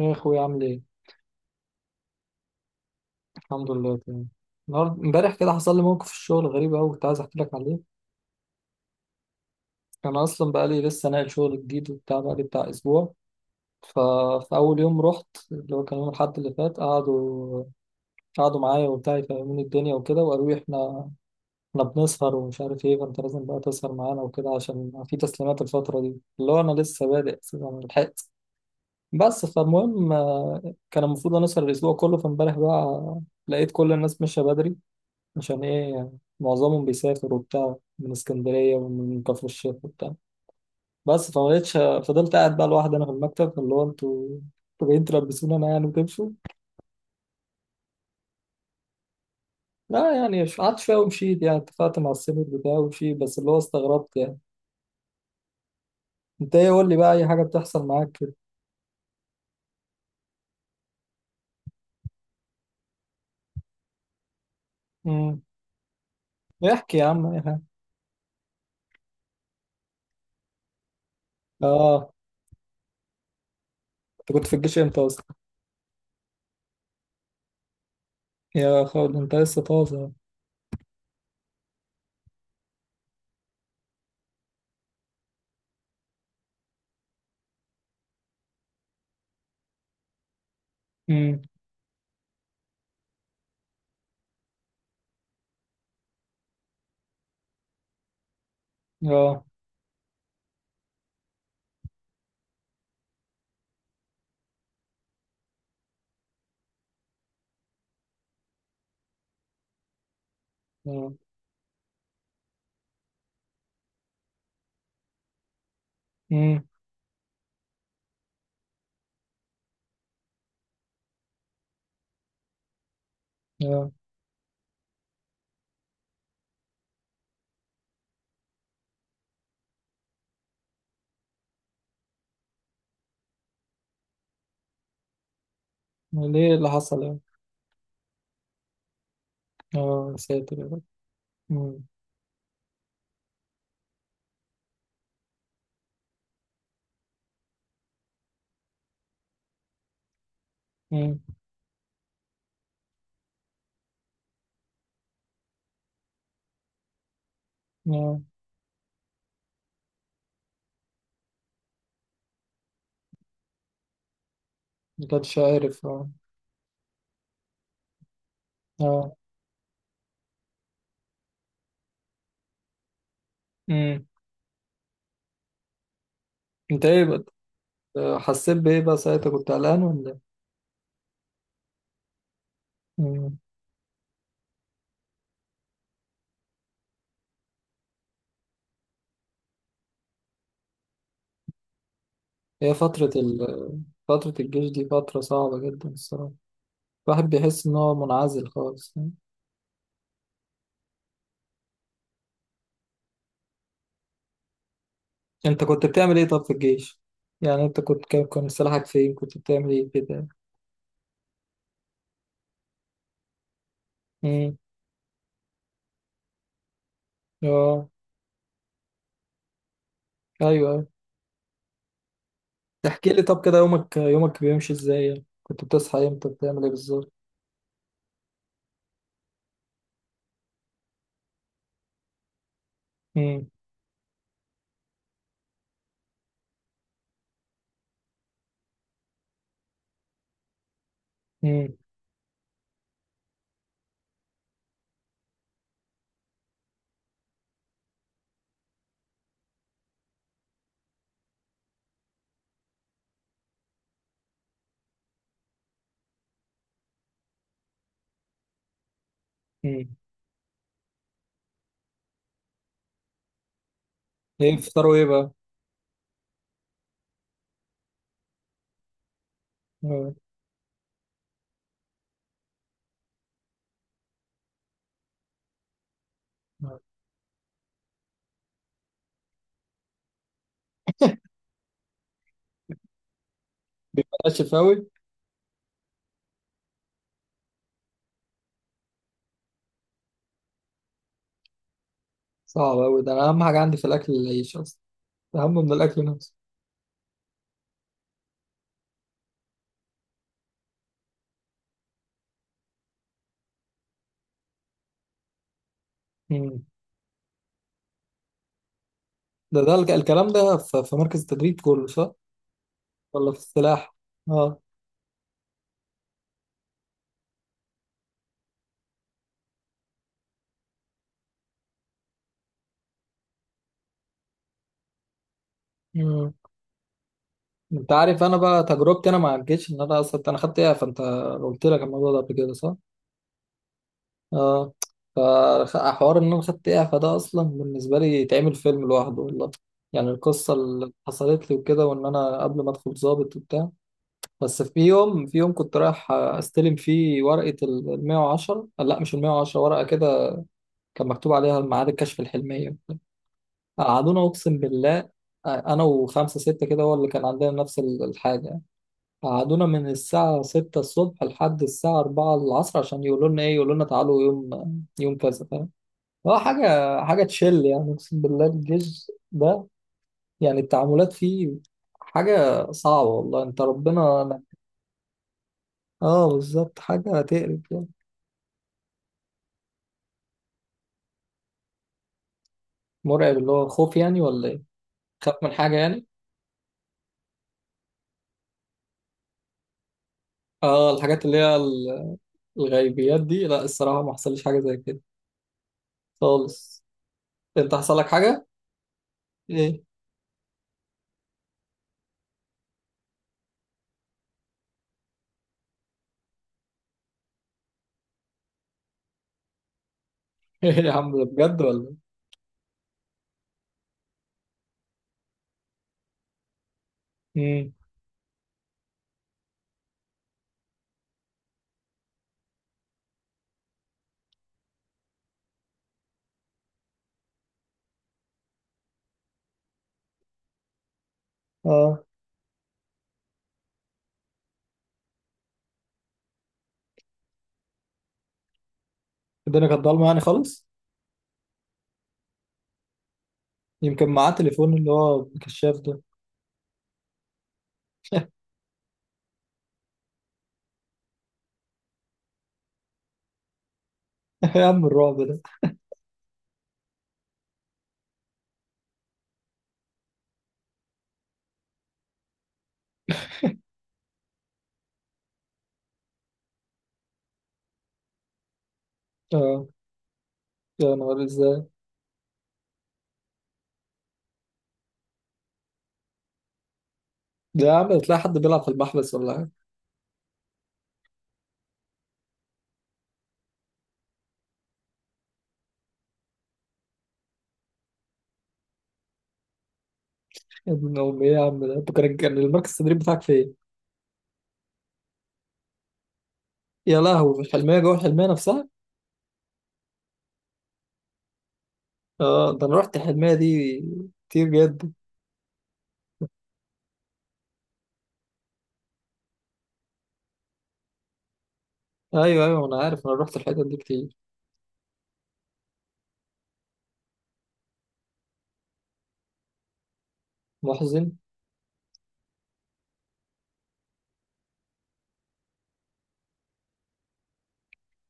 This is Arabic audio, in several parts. ايه يا اخويا عامل ايه؟ الحمد لله تمام. النهارده امبارح كده حصل لي موقف في الشغل غريب قوي كنت عايز احكي لك عليه. انا اصلا بقى لي لسه ناقل شغل جديد وبتاع، بقى لي بتاع اسبوع. ففي اول يوم رحت، اللي هو كان يوم الاحد اللي فات، قعدوا معايا وبتاع يفهموني الدنيا وكده، وقالوا لي احنا بنسهر ومش عارف ايه، فانت لازم بقى تسهر معانا وكده عشان في تسليمات الفتره دي، اللي هو انا لسه بادئ أساساً، انا لحقت. بس فالمهم كان المفروض انا اسهر الاسبوع كله. فامبارح بقى لقيت كل الناس ماشيه بدري. عشان ايه يعني؟ معظمهم بيسافر وبتاع، من اسكندرية ومن كفر الشيخ وبتاع. بس فما بقتش، فضلت قاعد بقى لوحدي انا في المكتب، اللي هو انتوا جايين تلبسوني انا يعني وتمشوا. لا يعني قعدت شوية ومشيت يعني، اتفقت مع السينيور بتاعي ومشيت، بس اللي هو استغربت يعني. انت ايه؟ قول لي بقى اي حاجة بتحصل معاك كده. امم احكي يا عم اي حاجة. اه، انت كنت في الجيش امتى اصلا؟ يا خالد انت لسه طازة. امم. اه. اه. امم. اه. ليه؟ اللي حصل يعني. اه يا ساتر يا رب. امم. آه، ما كانش عارف اه. اه. امم. انت ايه بقى؟ حسيت بايه بقى ساعتها؟ كنت قلقان ولا إيه؟ مم. هي فترة فترة الجيش دي فترة صعبة جدا الصراحة. الواحد بيحس ان هو منعزل خالص. انت كنت بتعمل ايه طب في الجيش؟ يعني انت كنت، كان سلاحك فين؟ كنت بتعمل ايه كده؟ امم. اه. ايوه، أيوة. تحكي لي طب كده يومك بيمشي ازاي يعني؟ كنت بتصحى امتى؟ بتعمل ايه بالظبط؟ امم. امم. امم. ايه بتفطروا ايه بقى؟ آه. آه. بلاش شفاوي. صعب أوي ده، أنا أهم حاجة عندي في الأكل العيش أصلا، أهم من الأكل نفسه. مم. ده الكلام ده في في مركز التدريب كله صح؟ ولا في السلاح؟ أه. مم. أنت عارف أنا بقى تجربتي أنا مع الجيش، إن أنا أصلا أنا خدت إعفاء. أنت قلت لك الموضوع ده قبل كده صح؟ أه. فحوار إن أنا خدت إعفاء ده أصلا بالنسبة لي يتعمل فيلم لوحده والله. يعني القصة اللي حصلت لي وكده، وإن أنا قبل ما أدخل ضابط وبتاع. بس في يوم كنت رايح استلم فيه ورقة ال 110، لا مش ال 110، ورقة كده كان مكتوب عليها ميعاد الكشف الحلمية. قعدونا أقسم بالله، أنا وخمسة ستة كده هو اللي كان عندنا نفس الحاجة. قعدونا من الساعة 6 الصبح لحد الساعة 4 العصر عشان يقولوا لنا إيه؟ يقولوا لنا تعالوا يوم يوم كذا، فاهم؟ هو حاجة تشل يعني، أقسم بالله الجيش ده. يعني التعاملات فيه حاجة صعبة والله، أنت ربنا. اه بالظبط، حاجة تقرف. مرعب اللي هو خوف يعني ولا ايه؟ خاف من حاجة يعني. اه الحاجات اللي هي الغيبيات دي، لا الصراحة ما حصلش حاجة زي كده خالص. انت حصل لك حاجة؟ ايه ايه يا عم ده بجد ولا ايه؟ امم. اه الدنيا كانت ضلمة يعني خالص. يمكن معاه تليفون اللي هو كشاف ده. يا عم الرعب ده. اه. يا نهار ازاي. ده يا عم تلاقي حد بيلعب في المحبس ولا حاجة. يا ابن امي، ايه يا عم ده؟ انت كان المركز التدريب بتاعك فين؟ يا لهوي، في الحلمية جوه الحلمية نفسها؟ اه ده انا رحت الحلمية دي كتير جدا. ايوه ايوه انا عارف، انا رحت الحتت دي كتير. محزن؟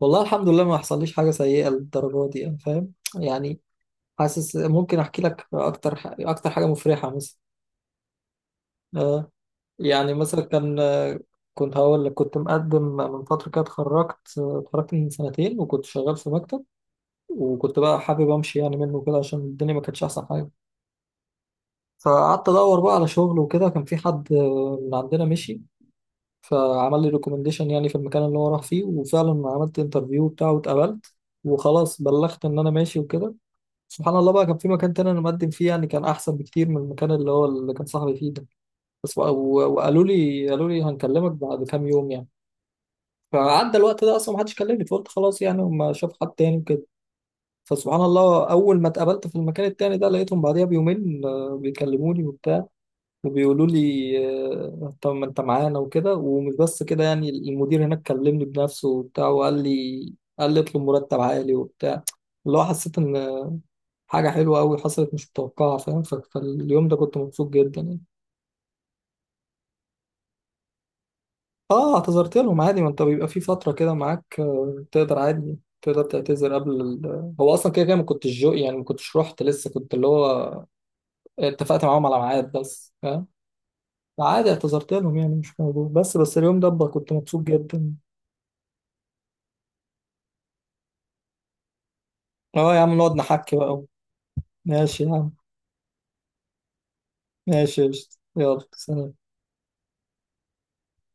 والله الحمد لله ما حصليش حاجه سيئه للدرجه دي يعني، فاهم يعني. حاسس ممكن احكي لك اكتر اكتر حاجه مفرحه مثلا. آه، يعني مثلا كان كنت هقول لك، كنت مقدم من فتره كده، اتخرجت من سنتين وكنت شغال في مكتب، وكنت بقى حابب امشي يعني منه كده عشان الدنيا ما كانتش احسن حاجه. فقعدت ادور بقى على شغل وكده، كان في حد من عندنا مشي. فعمل لي ريكومنديشن يعني في المكان اللي هو راح فيه، وفعلا عملت انترفيو بتاعه واتقبلت، وخلاص بلغت ان انا ماشي وكده. سبحان الله بقى، كان في مكان تاني انا مقدم فيه يعني، كان احسن بكتير من المكان اللي هو اللي كان صاحبي فيه ده. بس و- و- وقالوا لي، قالوا لي هنكلمك بعد كام يوم يعني. فعدى الوقت ده اصلا ما حدش كلمني، فقلت خلاص يعني هم شاف حد تاني وكده. فسبحان الله، اول ما اتقابلت في المكان التاني ده لقيتهم بعديها بيومين بيكلموني وبتاع وبيقولوا لي طب ما انت معانا وكده. ومش بس كده يعني، المدير هناك كلمني بنفسه وبتاع وقال لي، قال لي اطلب مرتب عالي وبتاع. اللي هو حسيت ان حاجة حلوة قوي حصلت مش متوقعة، فاهم؟ فاليوم ده كنت مبسوط جدا يعني. اه اعتذرت لهم عادي، ما انت بيبقى في فترة كده معاك تقدر عادي تقدر تعتذر قبل هو اصلا كده كده ما كنتش جو يعني، ما كنتش رحت لسه، كنت اللي هو اتفقت معاهم على ميعاد بس، فاهم؟ عادي اعتذرت لهم يعني مش موضوع. بس بس اليوم ده بقى كنت مبسوط جدا. اه يا عم نقعد نحكي بقى. ماشي يا عم، ماشي يا قشطة. يلا سلام.